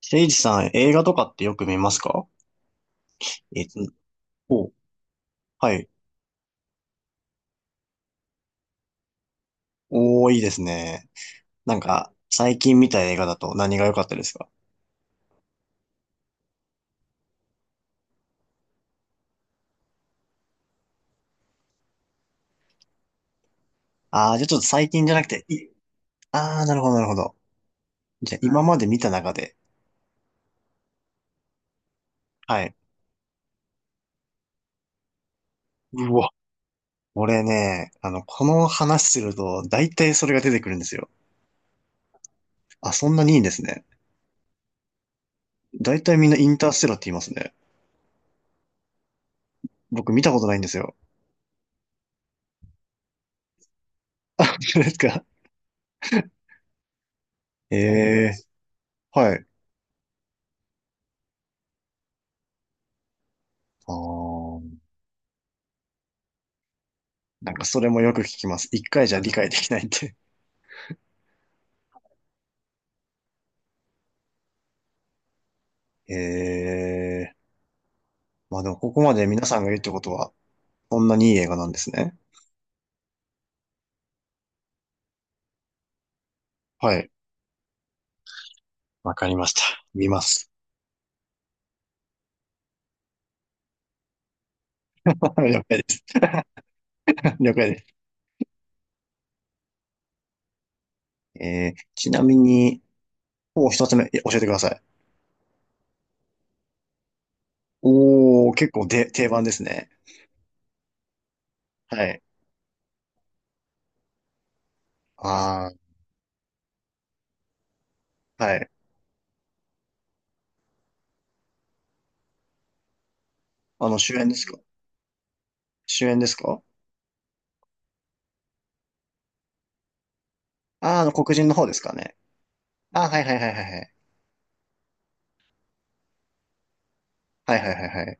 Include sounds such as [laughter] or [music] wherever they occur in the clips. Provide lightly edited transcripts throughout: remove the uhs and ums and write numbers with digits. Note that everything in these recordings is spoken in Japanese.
せいじさん、映画とかってよく見ますか？えっと、お、はい。おー、いいですね。なんか、最近見た映画だと何が良かったですか？あー、じゃあちょっと最近じゃなくて、あー、なるほど、なるほど。じゃあ今まで見た中で、はい。うわ、俺ね、この話すると、大体それが出てくるんですよ。あ、そんなにいいんですね。大体みんなインターステラーって言いますね。僕見たことないんですよ。[laughs] あ、本当ですか？ええー、はい。あー、なんかそれもよく聞きます。一回じゃ理解できないって。ええ、まあでもここまで皆さんが言うってことは、そんなにいい映画なんですね。はい。わかりました。見ます。[laughs] 了解です。[laughs] 了解です。ちなみに、もう一つ目、教えてください。おー、結構定番ですね。はい。あー、はい。主演ですか？主演ですか？あー、黒人の方ですかね。あー、はいはいはいはいはい。はいはいはいはい。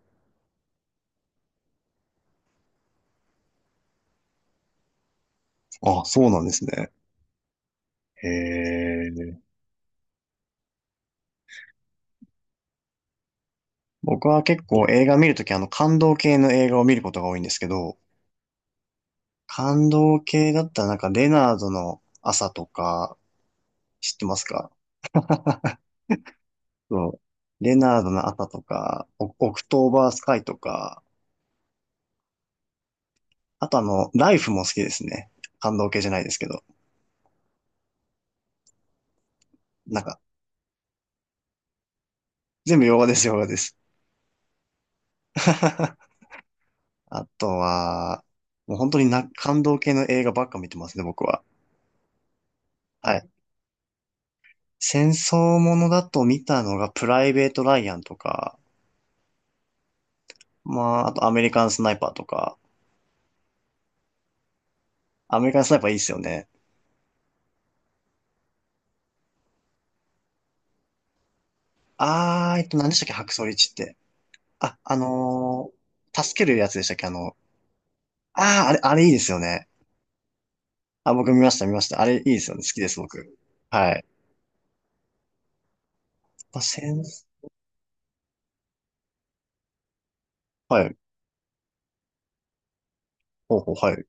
あー、そうなんですね。へえ。僕は結構映画見るとき、感動系の映画を見ることが多いんですけど、感動系だったらなんか、レナードの朝とか、知ってますか？ [laughs] そう。レナードの朝とか、オオクトーバースカイとか、あとライフも好きですね。感動系じゃないですけど。なんか、全部洋画です、洋画です。[laughs] あとは、もう本当にな、感動系の映画ばっか見てますね、僕は。はい。戦争ものだと見たのがプライベート・ライアンとか、まあ、あとアメリカン・スナイパーとか、アメリカン・スナイパーいいっすよね。あー、何でしたっけ、ハクソリチって。あ、助けるやつでしたっけ、あー、あれいいですよね。あ、僕見ました、見ました。あれいいですよね。好きです、僕。はい。まあ、センス、はい。ほうほう、はい。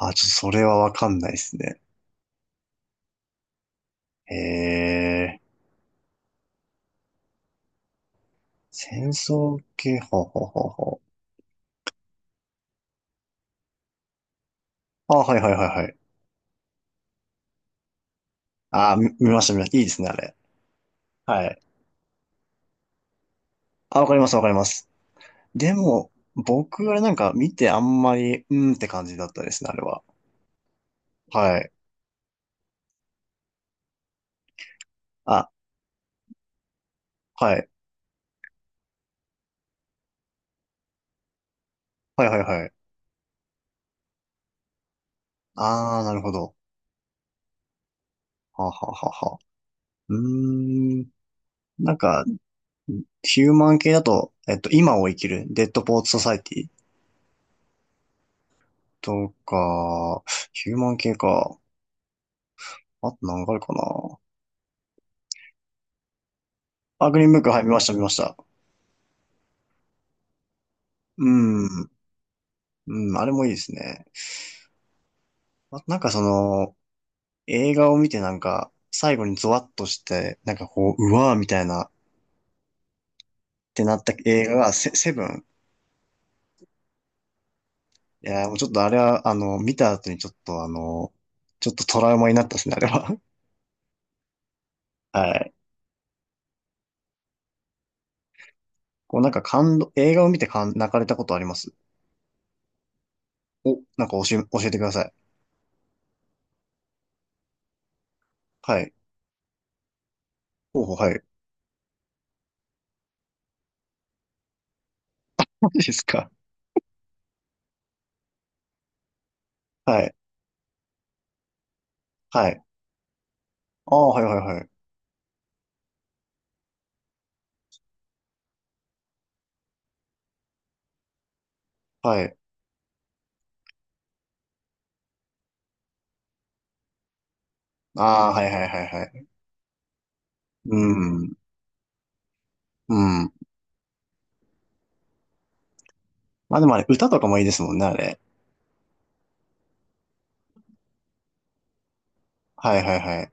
あ、ちょっとそれはわかんないですね。へー。戦争系、ほうほうほうほう。あ、はいはいはいはい。あ、見ました、見ました。いいですね、あれ。はい。あ、わかります、わかります。でも、僕、あれなんか見てあんまり、うーんって感じだったですね、あれは。はい。あ、はい。はいはいはい。ああ、なるほど。はあ、はあはあはあ。うーん。なんか、ヒューマン系だと、今を生きる、デッドポーツソサイティとか、ヒューマン系か。あと何があるかな。あ、グリーンブック、はい、見ました、見ました。うん。うん、あれもいいですね。あとなんかその、映画を見てなんか、最後にゾワッとして、なんかこう、うわーみたいな、ってなった映画がセブン、いやー、もうちょっとあれは、見た後にちょっとちょっとトラウマになったですね、あれは。[laughs] はい。こうなんか感動、映画を見て感泣かれたことありますお、なんか教えてください。はい。ほうほう、はい。マジですか？はい。はい。ああ、はいはいはい。はい。ああ、はいはいはいはい。うん。うん。まあでもあれ、歌とかもいいですもんね、あれ。はいはいはい。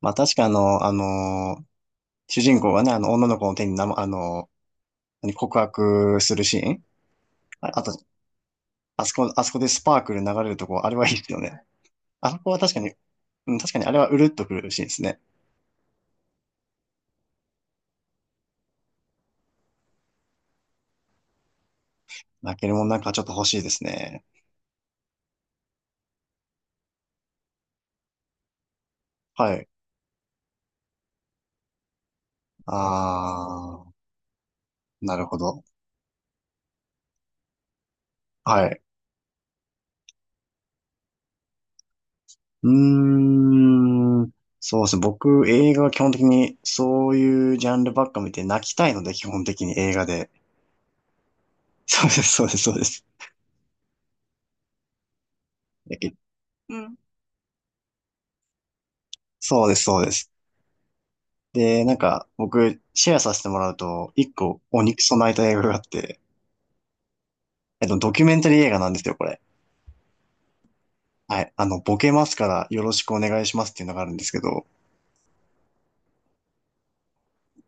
まあ確か主人公がね、女の子の手に何告白するシーン？ああとあそこでスパークル流れるとこ、あれはいいですよね。あそこは確かに、うん、確かにあれはうるっとくるシーンですね。泣けるもんなんかちょっと欲しいですね。はい。あー、なるほど。はい。うーん。そうですね。僕、映画は基本的にそういうジャンルばっか見て泣きたいので、基本的に映画で。そうです、そうです、そうです。だけうん。そうです、そうです。で、なんか、僕、シェアさせてもらうと、一個、お肉ソ泣いた映画があって、ドキュメンタリー映画なんですよ、これ。はい。ボケますからよろしくお願いしますっていうのがあるんですけど、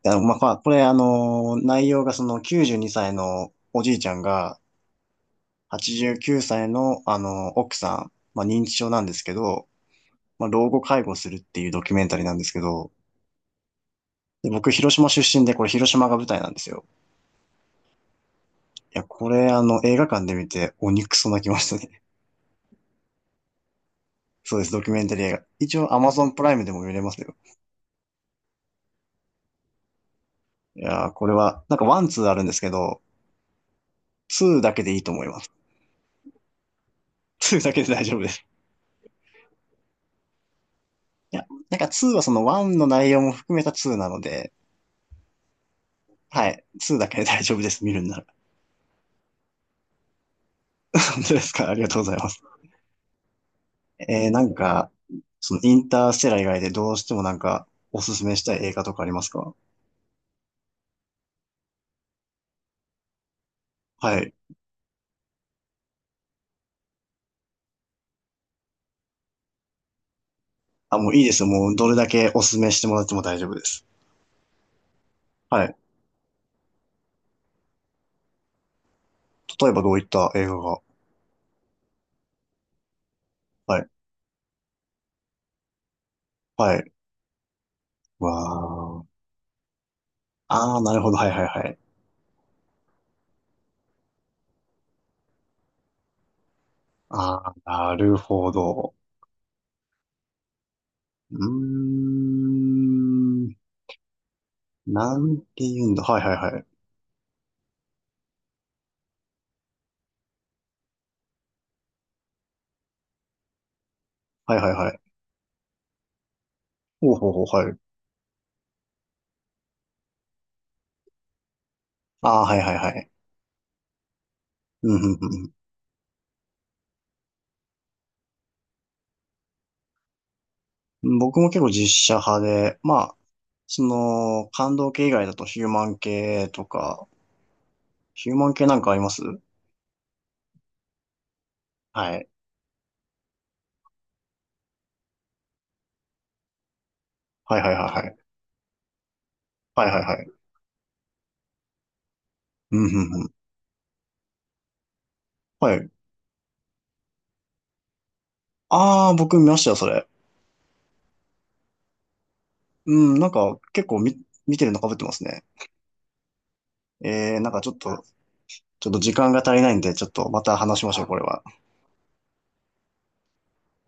まあこれ、内容がその92歳のおじいちゃんが89歳の、奥さん、まあ、認知症なんですけど、まあ、老後介護するっていうドキュメンタリーなんですけど、で、僕、広島出身で、これ広島が舞台なんですよ。いや、これ、映画館で見て鬼クソ泣きましたね。[laughs] そうです、ドキュメンタリー映画。一応、Amazon プライムでも見れますよ。いやー、これは、なんかワンツーあるんですけど、ツーだけでいいと思います。ツーだけで大丈夫です。いや、なんか2はその1の内容も含めた2なので、はい。2だけで大丈夫です、見るんなら。[laughs] 本当ですか？ありがとうございます。なんか、そのインターステラ以外でどうしてもなんか、おすすめしたい映画とかありますか？はい。あ、もういいですよ。もうどれだけおすすめしてもらっても大丈夫です。はい。例えばどういった映画が？はい。はい。わー。あー、なるほど。はいはいはい。あー、なるほど。うーん。なんて言うんだ。はいはいはい。はいはいはい。ほうほうほう、はい。ああ、はいはいはい。うん、うん、うん。僕も結構実写派で、まあ、その、感動系以外だとヒューマン系とか、ヒューマン系なんかあります？はい。はいはいはいはい。はいはいはい。うん、うん、うん。はい。ああ、僕見ましたよ、それ。うん、なんか結構見てるの被ってますね。なんかちょっと時間が足りないんで、ちょっとまた話しましょう、これは。